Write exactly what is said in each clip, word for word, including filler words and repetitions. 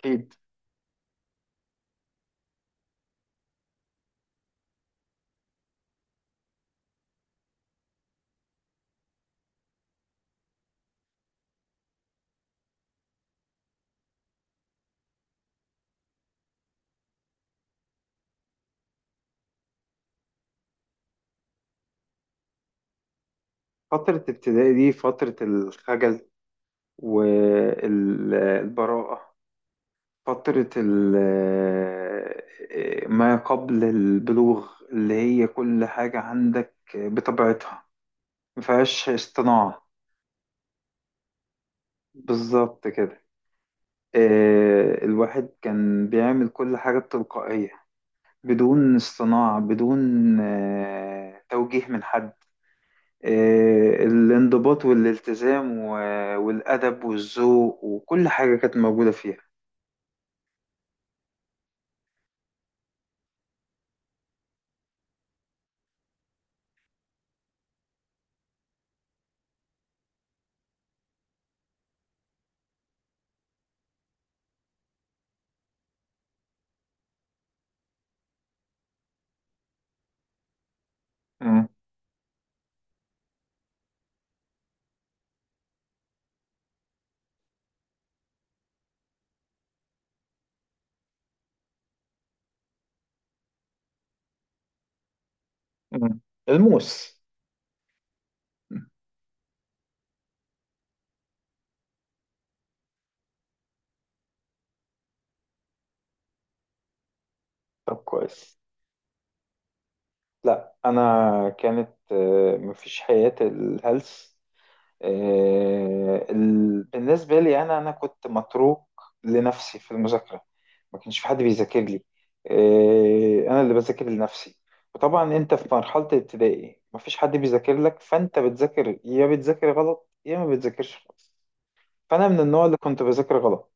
أكيد. فترة ابتدائي دي فترة الخجل والبراءة، فترة ال- آه، ما قبل البلوغ اللي هي كل حاجة عندك بطبيعتها مفيهاش اصطناع. بالظبط كده. آه، الواحد كان بيعمل كل حاجة بتلقائية، بدون اصطناع، بدون آه، توجيه من حد. آه، الانضباط والالتزام و- والأدب والذوق وكل حاجة كانت موجودة فيها. مم. مم. الموس. طب كويس. لا أنا كانت آه، مفيش حياة الهلس. آه، ال- بالنسبة لي أنا أنا كنت متروك لنفسي في المذاكرة، ما كانش في حد بيذاكر لي. آه، أنا اللي بذاكر لنفسي. وطبعا أنت في مرحلة الابتدائي ما فيش حد بيذاكر لك، فأنت بتذاكر، يا بتذاكر غلط يا ما بتذاكرش خالص. فأنا من النوع اللي كنت بذاكر غلط.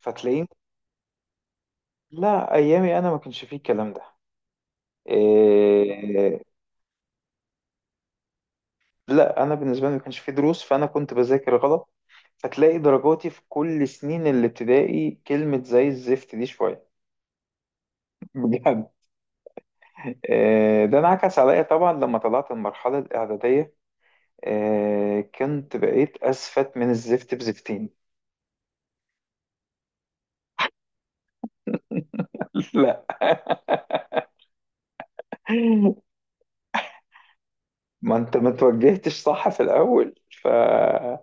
فتلاقيني لا أيامي أنا ما كانش فيه الكلام ده. آه، لا انا بالنسبه لي ما كانش في دروس، فانا كنت بذاكر غلط. فتلاقي درجاتي في كل سنين الابتدائي كلمه زي الزفت دي شويه. بجد. آه، ده انعكس عليا طبعا لما طلعت المرحله الاعداديه. آه، كنت بقيت اسفت من الزفت بزفتين. لا، ما انت ما توجهتش صح في الاول. فالاب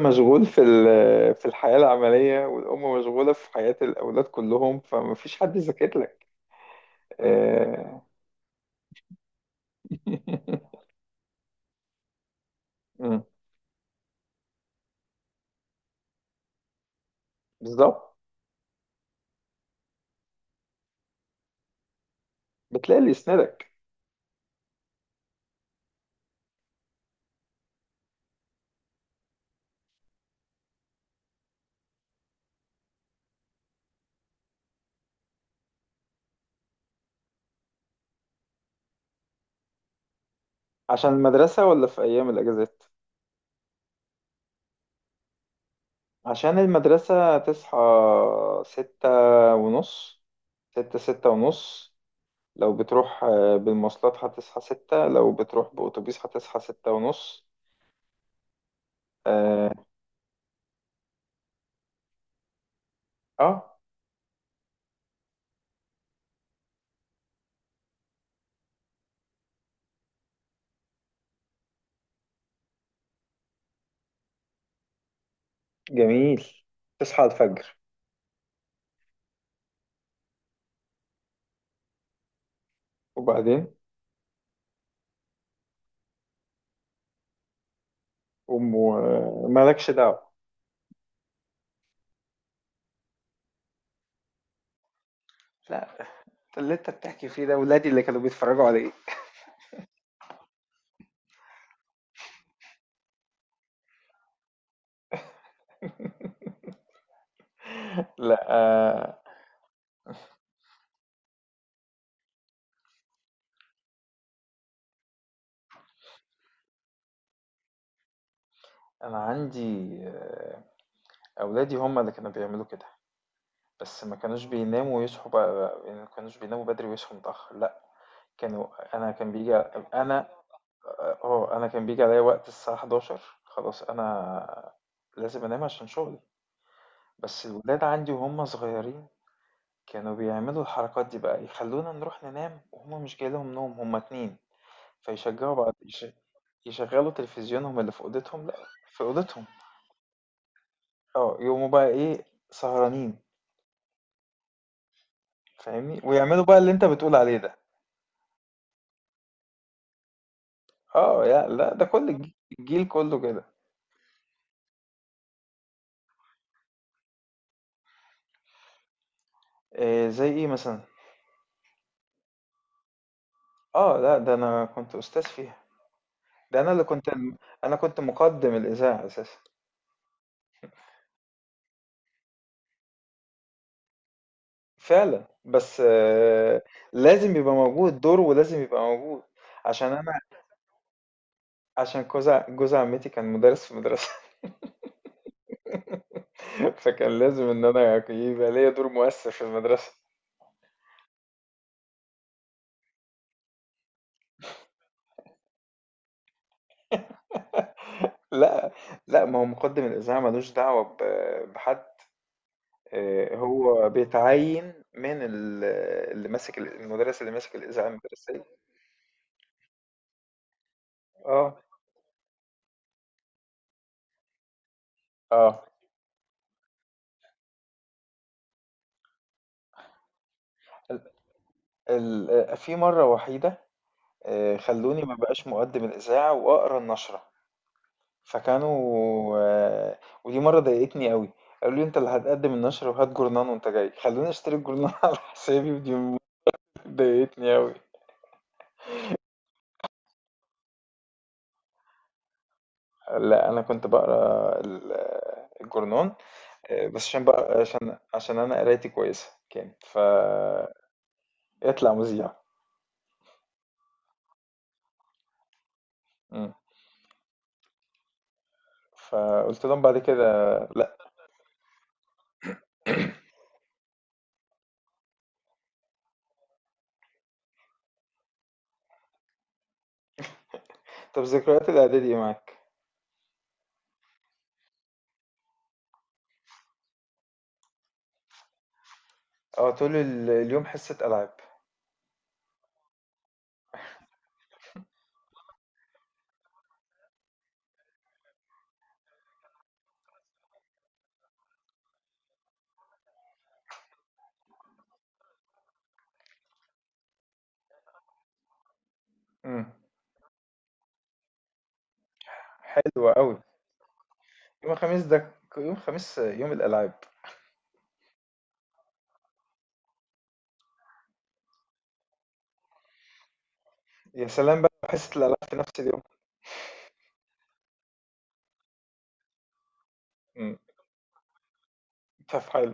مشغول في ال- في الحياه العمليه، والام مشغوله في حياه الاولاد كلهم، فما فيش حد يذاكر لك. آه، مم. بالظبط. بتلاقي اللي يسندك. عشان المدرسة ولا في أيام الأجازات؟ عشان المدرسة تصحى ستة ونص، ستة ستة ونص. لو بتروح آه، بالمواصلات هتصحى ستة، لو بتروح بأتوبيس هتصحى ستة ونص. آه, آه جميل. تصحى الفجر. وبعدين قوم و- مالكش دعوة. لا، اللي انت بتحكي فيه ده ولادي اللي كانوا بيتفرجوا عليه. لا آه، انا عندي آه، اولادي هم اللي كانوا بيعملوا كده، بس ما كانوش بيناموا ويصحوا بقى، يعني ما كانوش بيناموا بدري ويصحوا متأخر، لا. كانوا انا كان بيجي انا اه انا كان بيجي عليا وقت الساعة إحدى عشرة، خلاص انا لازم انام عشان شغلي. بس الولاد عندي وهم صغيرين كانوا بيعملوا الحركات دي بقى، يخلونا نروح ننام وهم مش جاي لهم نوم، هم اتنين فيشجعوا بعض، يش... يشغلوا تلفزيونهم اللي في اوضتهم. لا، في اوضتهم. اه يقوموا بقى ايه، سهرانين، فاهمني، ويعملوا بقى اللي انت بتقول عليه ده. اه، يا لا ده كل الج- الجيل كله كده. إيه زي ايه مثلا؟ اه لا ده انا كنت استاذ فيها. ده انا اللي كنت انا كنت مقدم الاذاعه اساسا. فعلا. بس آه لازم يبقى موجود دور، ولازم يبقى موجود. عشان انا عشان جوز ع- جوز عمتي كان مدرس في المدرسه. فكان لازم ان انا يبقى ليا دور مؤثر في المدرسه. لا لا ما هو مقدم الاذاعه ملوش دعوه ب- بحد، آه، هو بيتعين من ال- اللي ماسك ال- المدرس اللي ماسك الإذاعة المدرسية. اه اه. ال- ال- آه، في مرة وحيدة آه، خلوني ما بقاش مقدم الإذاعة وأقرأ النشرة. فكانوا آه، ودي مرة ضايقتني قوي. قالوا لي انت اللي هتقدم النشرة وهات جورنان وانت جاي، خلوني اشتري الجورنان على حسابي، ودي ضايقتني قوي. لا انا كنت بقرا ال- آه، الجورنان، آه، بس عشان بقى عشان عشان انا قرايتي كويسة كانت ف يطلع مذيع. مم. فقلت لهم بعد كده لا. طب ذكريات الاعدادي ايه معاك؟ اه طول ال- اليوم حصة العاب. مم. حلوة قوي يوم الخميس ده، ك- يوم الخميس يوم الالعاب. يا سلام بقى حصة الالعاب في نفس اليوم. مم. طب حلو.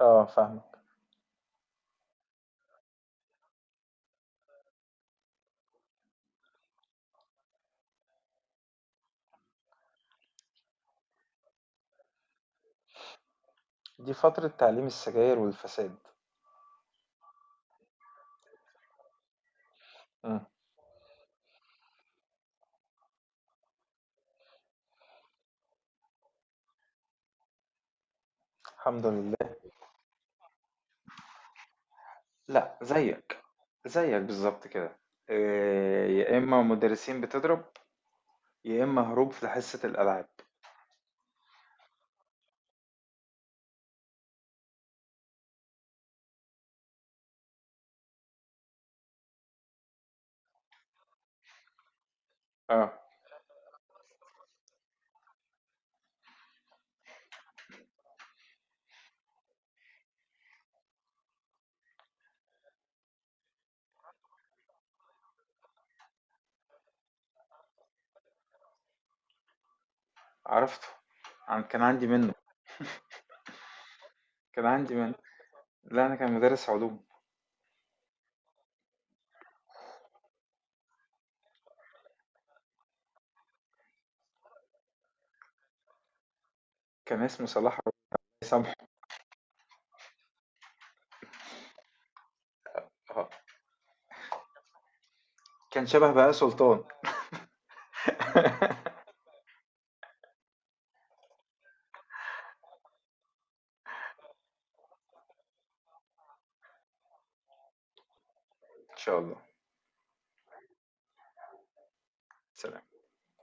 اه فاهمك. دي فترة تعليم السجاير والفساد. مم. الحمد لله. لا زيك، زيك بالظبط كده. إيه، يا اما مدرسين بتضرب، يا اما هروب في حصة الالعاب. اه عرفته. عن كان عندي منه، كان عندي من. لا انا كان مدرس علوم. كان اسمه صلاح، الله يسامحه. كان شبه بهاء سلطان. ان شاء الله. سلام.